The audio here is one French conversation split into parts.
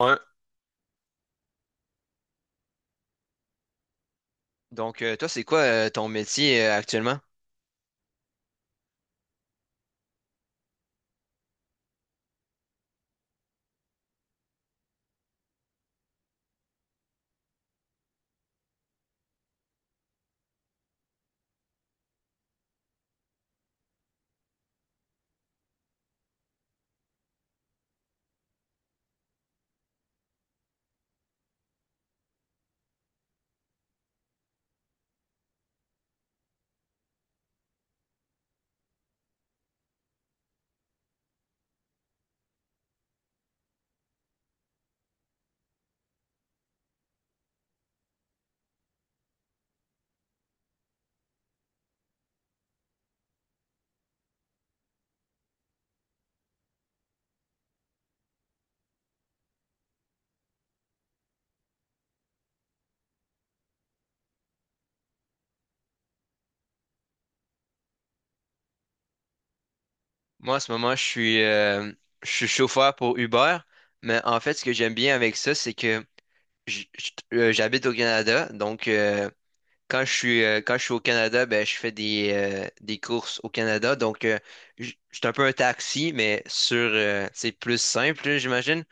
Ouais. Donc, toi, c'est quoi ton métier actuellement? Moi, en ce moment, je suis chauffeur pour Uber, mais en fait, ce que j'aime bien avec ça, c'est que j'habite au Canada. Quand je suis au Canada, ben, je fais des courses au Canada. Je suis un peu un taxi, mais c'est plus simple, là, j'imagine.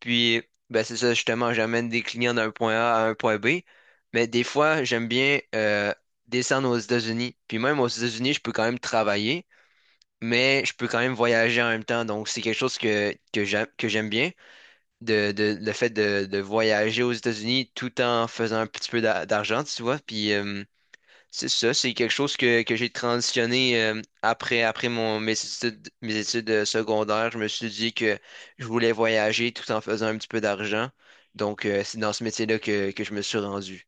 Puis, ben, c'est ça, justement, j'amène des clients d'un point A à un point B. Mais des fois, j'aime bien descendre aux États-Unis. Puis même aux États-Unis, je peux quand même travailler, mais je peux quand même voyager en même temps. Donc, c'est quelque chose que j'aime bien, le fait de voyager aux États-Unis tout en faisant un petit peu d'argent, tu vois. C'est ça, c'est quelque chose que j'ai transitionné après, mes études, mes études secondaires. Je me suis dit que je voulais voyager tout en faisant un petit peu d'argent. Donc, c'est dans ce métier-là que je me suis rendu.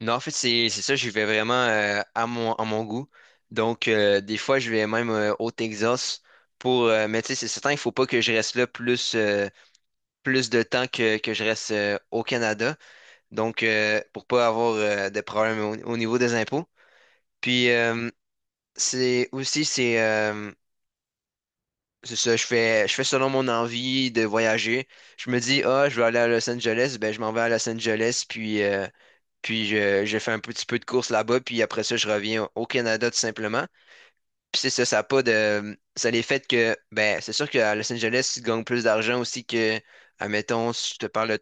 Non, en fait, c'est ça, j'y vais vraiment à mon goût. Donc, des fois, je vais même au Texas pour... mais tu sais, c'est certain, il faut pas que je reste là plus, plus de temps que je reste au Canada. Donc, pour pas avoir de problème au niveau des impôts. Puis, euh, C'est aussi c'est ça, je fais selon mon envie de voyager. Je me dis ah, je veux aller à Los Angeles, ben je m'en vais à Los Angeles puis je fais un petit peu de course là-bas puis après ça je reviens au Canada tout simplement. Puis c'est ça, ça a pas de ça a les fait que ben c'est sûr qu'à Los Angeles si tu gagnes plus d'argent aussi que admettons si je te parle de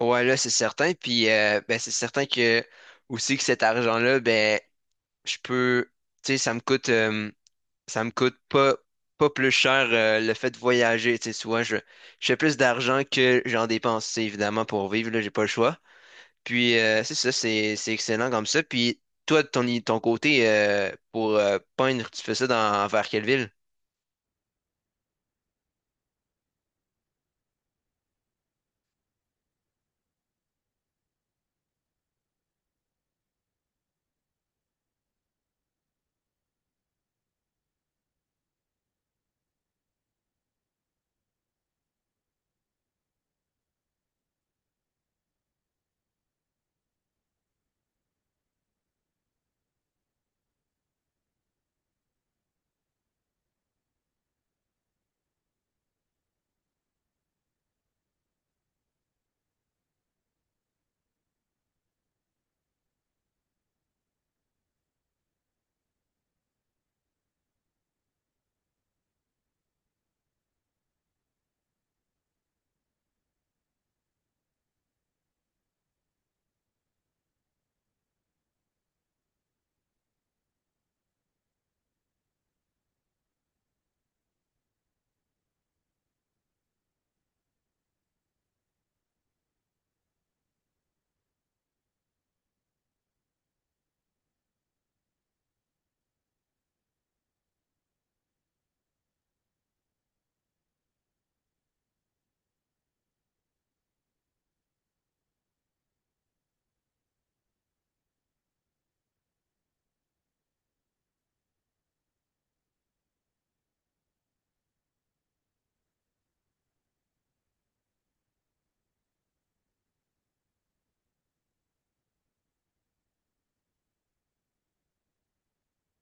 ouais là c'est certain puis ben c'est certain que aussi que cet argent-là ben je peux tu sais ça me coûte pas, pas plus cher le fait de voyager. Tu sais, souvent, je fais plus d'argent que j'en dépense, tu sais, évidemment, pour vivre, là, j'ai pas le choix. C'est ça, c'est excellent comme ça. Puis, toi, de ton côté, pour peindre, tu fais ça dans, vers quelle ville?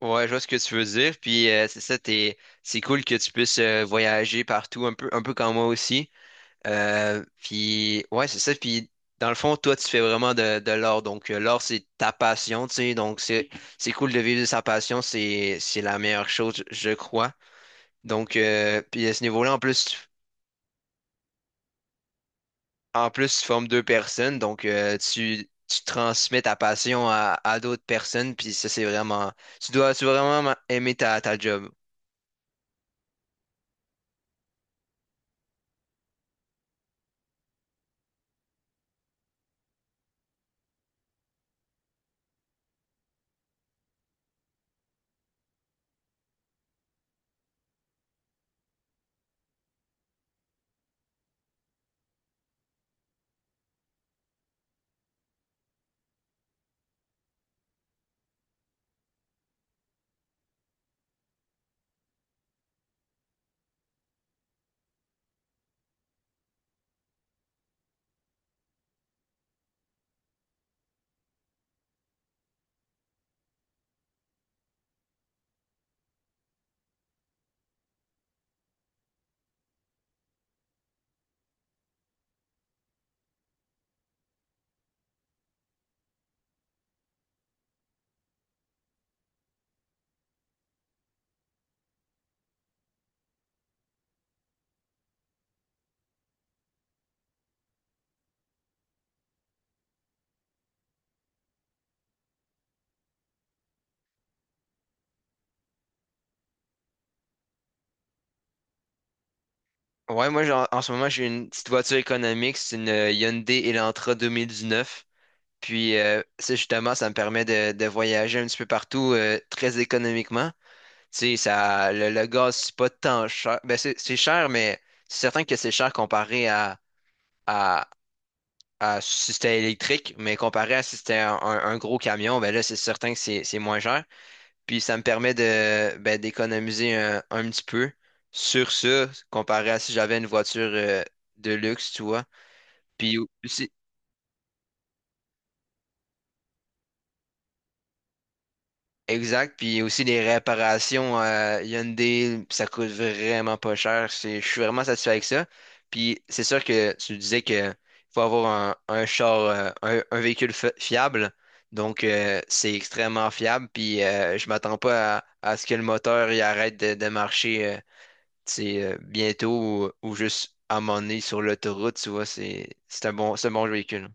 Ouais, je vois ce que tu veux dire. Puis c'est ça, t'es... c'est cool que tu puisses voyager partout, un peu comme moi aussi. Ouais, c'est ça. Puis, dans le fond, toi, tu fais vraiment de l'art. Donc, l'art, c'est ta passion, tu sais. Donc, c'est cool de vivre de sa passion. C'est la meilleure chose, je crois. Donc, puis à ce niveau-là, en plus, tu formes deux personnes. Donc, tu transmets ta passion à d'autres personnes. Puis, ça, c'est vraiment. Tu dois vraiment aimer ta job. Ouais, moi, en ce moment, j'ai une petite voiture économique. C'est une Hyundai Elantra 2019. Puis ça, justement, ça me permet de voyager un petit peu partout très économiquement. Tu sais, ça, le gaz, c'est pas tant cher. Ben, c'est cher, mais c'est certain que c'est cher comparé à, à si c'était électrique, mais comparé à si c'était un gros camion, ben là, c'est certain que c'est moins cher. Puis ça me permet de ben, d'économiser un petit peu sur ça, comparé à si j'avais une voiture de luxe, tu vois. Puis aussi, Exact, puis aussi les réparations Hyundai, ça coûte vraiment pas cher. C'est- Je suis vraiment satisfait avec ça. Puis c'est sûr que tu disais que faut avoir un char, un véhicule fiable. Donc, c'est extrêmement fiable. Puis je m'attends pas à, à ce que le moteur il arrête de marcher tu sais, bientôt ou juste à un moment donné sur l'autoroute, tu vois, c'est un bon véhicule.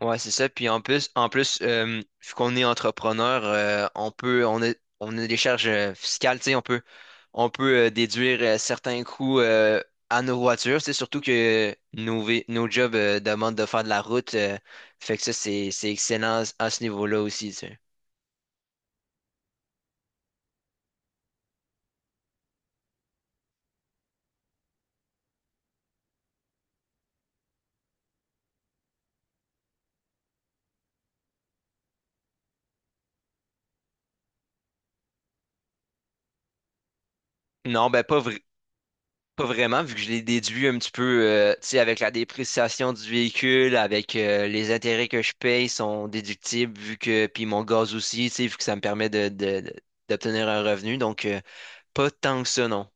Ouais, c'est ça. Puis en plus, en plus, vu qu'on est entrepreneur, on a des charges fiscales, tu sais, on peut déduire certains coûts à nos voitures. C'est surtout que nos jobs demandent de faire de la route. Fait que ça, c'est excellent à ce niveau-là aussi, tu sais. Non, ben pas pas vraiment, vu que je l'ai déduit un petit peu, tu sais, avec la dépréciation du véhicule, avec les intérêts que je paye sont déductibles, vu que, puis mon gaz aussi, tu sais, vu que ça me permet d'obtenir un revenu. Donc, pas tant que ça, non.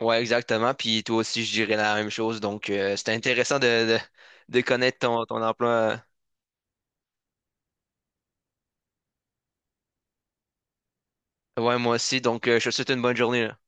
Ouais, exactement. Puis toi aussi, je dirais la même chose. Donc, c'était intéressant de connaître ton emploi. Ouais, moi aussi. Donc, je te souhaite une bonne journée, là.